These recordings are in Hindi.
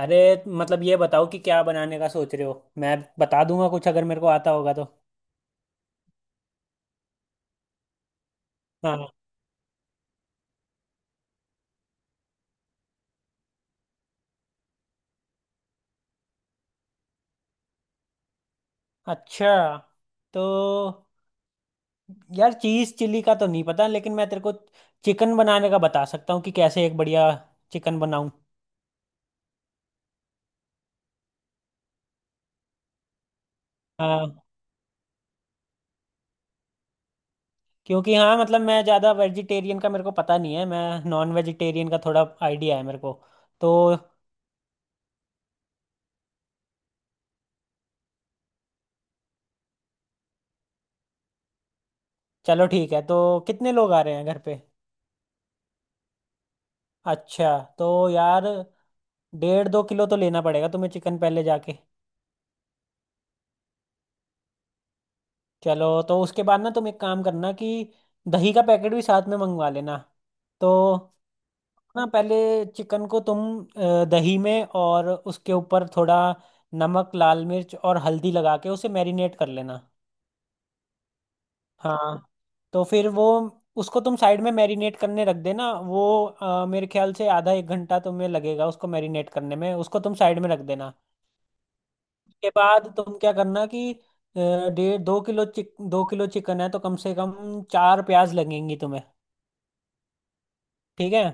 अरे, मतलब ये बताओ कि क्या बनाने का सोच रहे हो। मैं बता दूंगा कुछ अगर मेरे को आता होगा तो। हाँ। अच्छा, तो यार, चीज़ चिल्ली का तो नहीं पता, लेकिन मैं तेरे को चिकन बनाने का बता सकता हूँ कि कैसे एक बढ़िया चिकन बनाऊँ। हाँ, क्योंकि हाँ, मतलब मैं ज़्यादा वेजिटेरियन का मेरे को पता नहीं है। मैं नॉन वेजिटेरियन का थोड़ा आइडिया है मेरे को। तो चलो ठीक है। तो कितने लोग आ रहे हैं घर पे? अच्छा तो यार, 1.5-2 किलो तो लेना पड़ेगा तुम्हें चिकन, पहले जाके। चलो, तो उसके बाद ना तुम एक काम करना कि दही का पैकेट भी साथ में मंगवा लेना। तो ना पहले चिकन को तुम दही में, और उसके ऊपर थोड़ा नमक, लाल मिर्च और हल्दी लगा के उसे मैरिनेट कर लेना। हाँ। तो फिर वो उसको तुम साइड में मैरिनेट करने रख देना। वो मेरे ख्याल से आधा एक घंटा तुम्हें लगेगा उसको मैरिनेट करने में। उसको तुम साइड में रख देना के बाद तुम क्या करना कि अ, डेढ़ दो किलो चिक 2 किलो चिकन है तो कम से कम चार प्याज लगेंगी तुम्हें। ठीक है।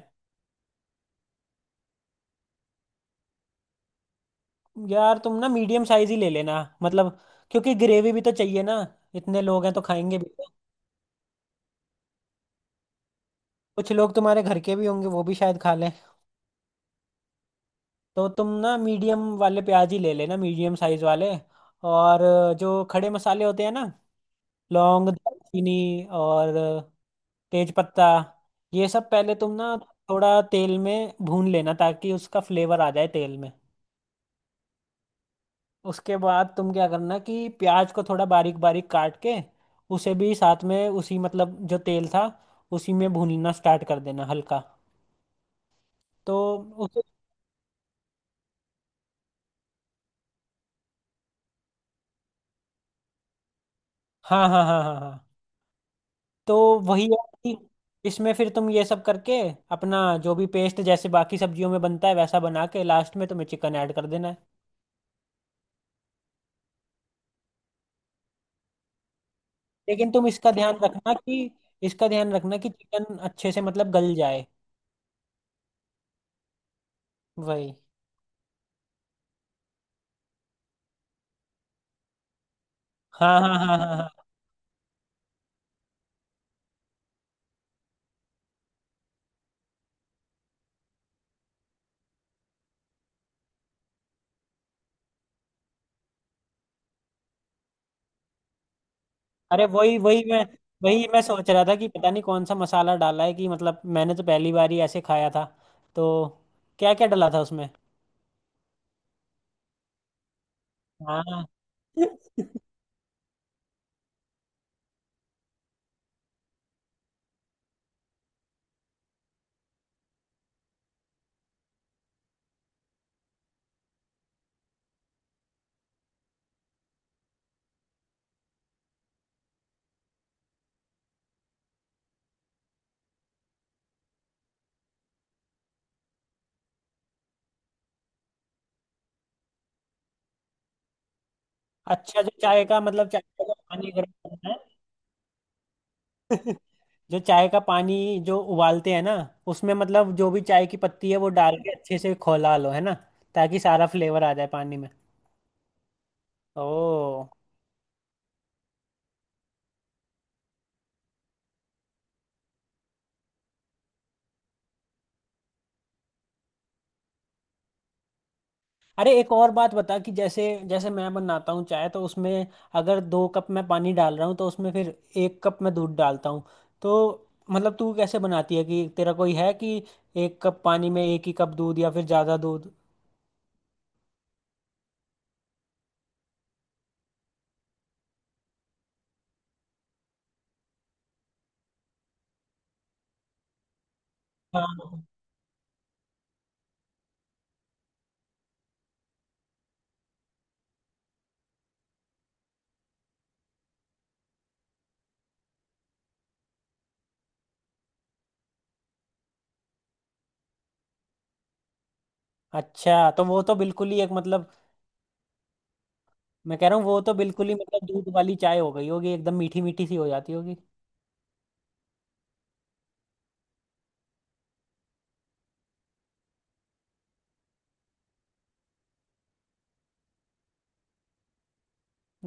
यार तुम ना मीडियम साइज ही ले लेना, मतलब, क्योंकि ग्रेवी भी तो चाहिए ना। इतने लोग हैं तो खाएंगे भी तो। कुछ लोग तुम्हारे घर के भी होंगे, वो भी शायद खा लें। तो तुम ना मीडियम वाले प्याज ही ले लेना, मीडियम साइज वाले। और जो खड़े मसाले होते हैं ना, लौंग, दालचीनी और तेज पत्ता, ये सब पहले तुम ना थोड़ा तेल में भून लेना ताकि उसका फ्लेवर आ जाए तेल में। उसके बाद तुम क्या करना कि प्याज को थोड़ा बारीक बारीक काट के उसे भी साथ में उसी, मतलब जो तेल था उसी में भूनना स्टार्ट कर देना हल्का। तो उसे, हाँ हाँ हाँ हाँ हाँ। तो वही है कि इसमें फिर तुम ये सब करके अपना जो भी पेस्ट जैसे बाकी सब्जियों में बनता है वैसा बना के लास्ट में तुम्हें चिकन ऐड कर देना है। लेकिन तुम इसका ध्यान रखना कि इसका ध्यान रखना कि चिकन अच्छे से, मतलब गल जाए। वही। हाँ हाँ हाँ हाँ हाँ। अरे वही वही मैं सोच रहा था कि पता नहीं कौन सा मसाला डाला है कि, मतलब मैंने तो पहली बार ही ऐसे खाया था। तो क्या क्या डाला था उसमें? हाँ। अच्छा, जो चाय का, मतलब चाय का जो पानी गर्म करना है। जो चाय का पानी जो उबालते हैं ना, उसमें मतलब जो भी चाय की पत्ती है वो डाल के अच्छे से खौला लो है ना, ताकि सारा फ्लेवर आ जाए पानी में। ओ, अरे एक और बात बता कि जैसे, जैसे मैं बनाता हूँ चाय तो उसमें अगर 2 कप मैं पानी डाल रहा हूँ तो उसमें फिर 1 कप मैं दूध डालता हूँ। तो मतलब तू कैसे बनाती है कि तेरा कोई है कि 1 कप पानी में एक ही कप दूध या फिर ज़्यादा दूध? हाँ। अच्छा तो वो तो बिल्कुल ही एक, मतलब मैं कह रहा हूँ वो तो बिल्कुल ही मतलब दूध वाली चाय हो गई होगी, एकदम मीठी मीठी सी हो जाती होगी।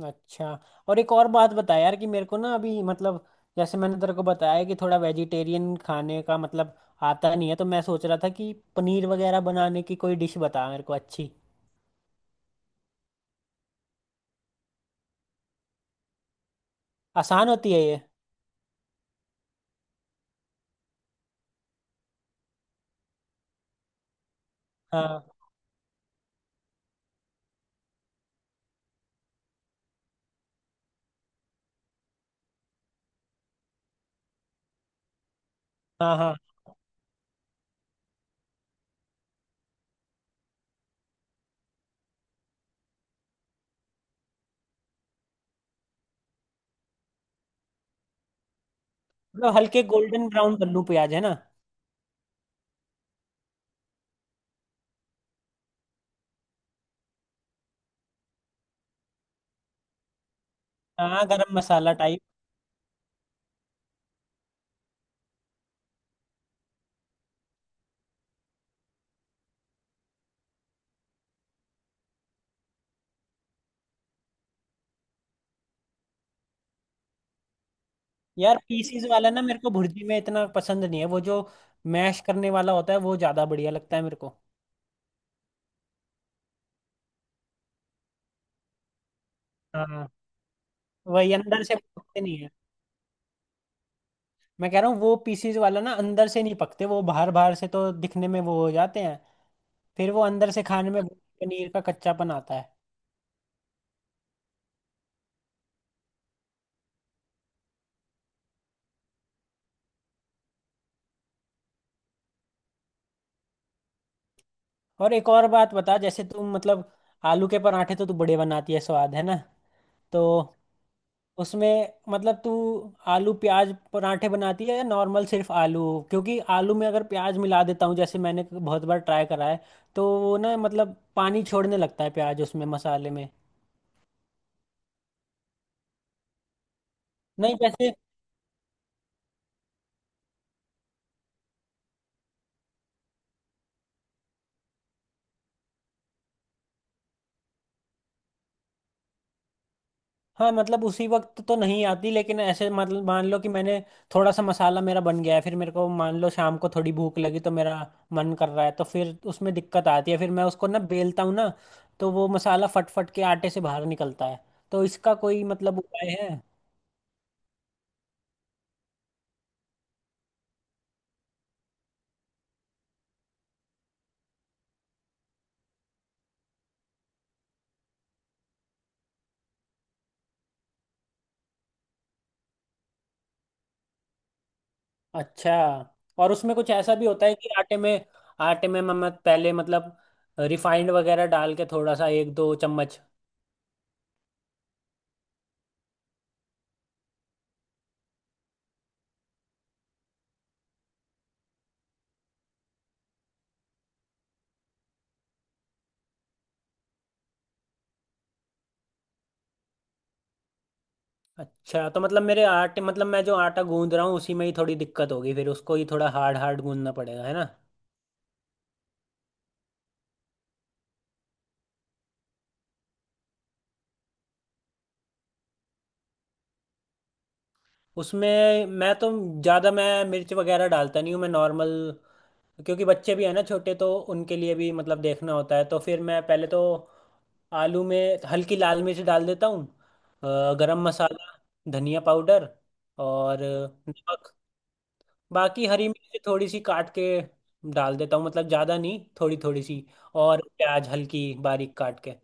अच्छा। और एक और बात बता यार कि मेरे को ना अभी, मतलब जैसे मैंने तेरे को बताया कि थोड़ा वेजिटेरियन खाने का, मतलब आता नहीं है, तो मैं सोच रहा था कि पनीर वगैरह बनाने की कोई डिश बता मेरे को अच्छी, आसान होती है ये। हाँ हाँ हाँ, मतलब हल्के गोल्डन ब्राउन कर लूँ प्याज, है ना? हाँ, गरम मसाला टाइप। यार पीसीज वाला ना मेरे को भुर्जी में इतना पसंद नहीं है, वो जो मैश करने वाला होता है वो ज़्यादा बढ़िया लगता है मेरे को। हाँ, वही अंदर से पकते नहीं है। मैं कह रहा हूँ वो पीसीज वाला ना अंदर से नहीं पकते, वो बाहर बाहर से तो दिखने में वो हो जाते हैं, फिर वो अंदर से खाने में पनीर का कच्चापन आता है। और एक और बात बता जैसे तुम, मतलब आलू के पराठे तो तू बड़े बनाती है स्वाद, है ना? तो उसमें मतलब तू आलू प्याज पराठे बनाती है या नॉर्मल सिर्फ आलू? क्योंकि आलू में अगर प्याज मिला देता हूँ, जैसे मैंने बहुत बार ट्राई करा है, तो वो ना मतलब पानी छोड़ने लगता है प्याज उसमें मसाले में। नहीं जैसे, हाँ मतलब उसी वक्त तो नहीं आती, लेकिन ऐसे मतलब मान लो कि मैंने थोड़ा सा मसाला मेरा बन गया है, फिर मेरे को मान लो शाम को थोड़ी भूख लगी तो मेरा मन कर रहा है, तो फिर उसमें दिक्कत आती है। फिर मैं उसको ना बेलता हूँ ना, तो वो मसाला फट फट के आटे से बाहर निकलता है। तो इसका कोई मतलब उपाय है? अच्छा, और उसमें कुछ ऐसा भी होता है कि आटे में, आटे में मैं पहले, मतलब रिफाइंड वगैरह डाल के थोड़ा सा, एक दो चम्मच। अच्छा तो मतलब मेरे आटे, मतलब मैं जो आटा गूंद रहा हूँ उसी में ही थोड़ी दिक्कत होगी, फिर उसको ही थोड़ा हार्ड हार्ड गूंदना पड़ेगा है ना? उसमें मैं तो ज़्यादा मैं मिर्च वगैरह डालता नहीं हूँ, मैं नॉर्मल, क्योंकि बच्चे भी हैं ना छोटे, तो उनके लिए भी मतलब देखना होता है। तो फिर मैं पहले तो आलू में हल्की लाल मिर्च डाल देता हूँ, गरम मसाला, धनिया पाउडर और नमक। बाकी हरी मिर्च थोड़ी सी काट के डाल देता हूँ, मतलब ज़्यादा नहीं, थोड़ी थोड़ी सी, और प्याज हल्की बारीक काट के।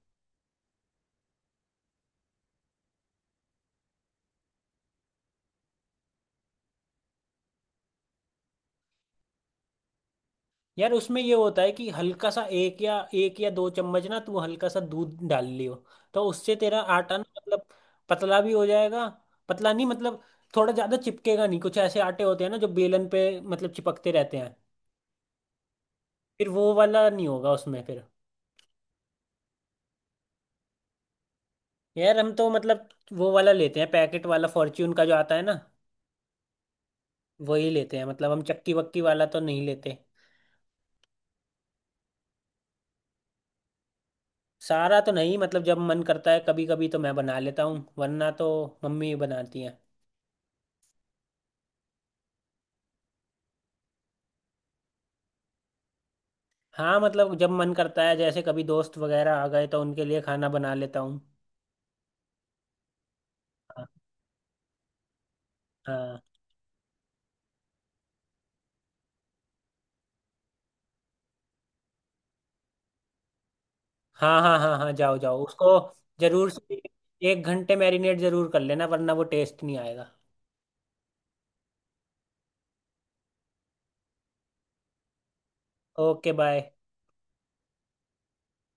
यार उसमें ये होता है कि हल्का सा एक या दो चम्मच ना तू हल्का सा दूध डाल लियो, तो उससे तेरा आटा ना मतलब पतला भी हो जाएगा। पतला नहीं मतलब थोड़ा ज्यादा चिपकेगा नहीं, कुछ ऐसे आटे होते हैं ना जो बेलन पे मतलब चिपकते रहते हैं, फिर वो वाला नहीं होगा उसमें फिर। यार हम तो मतलब वो वाला लेते हैं पैकेट वाला, फॉर्च्यून का जो आता है ना वही लेते हैं। मतलब हम चक्की वक्की वाला तो नहीं लेते। सारा तो नहीं, मतलब जब मन करता है कभी कभी तो मैं बना लेता हूँ, वरना तो मम्मी बनाती है। हाँ, मतलब जब मन करता है जैसे कभी दोस्त वगैरह आ गए तो उनके लिए खाना बना लेता हूँ। हाँ हाँ हाँ हाँ हाँ। हाँ, जाओ जाओ उसको। जरूर से, 1 घंटे मैरिनेट जरूर कर लेना वरना वो टेस्ट नहीं आएगा। Okay, bye.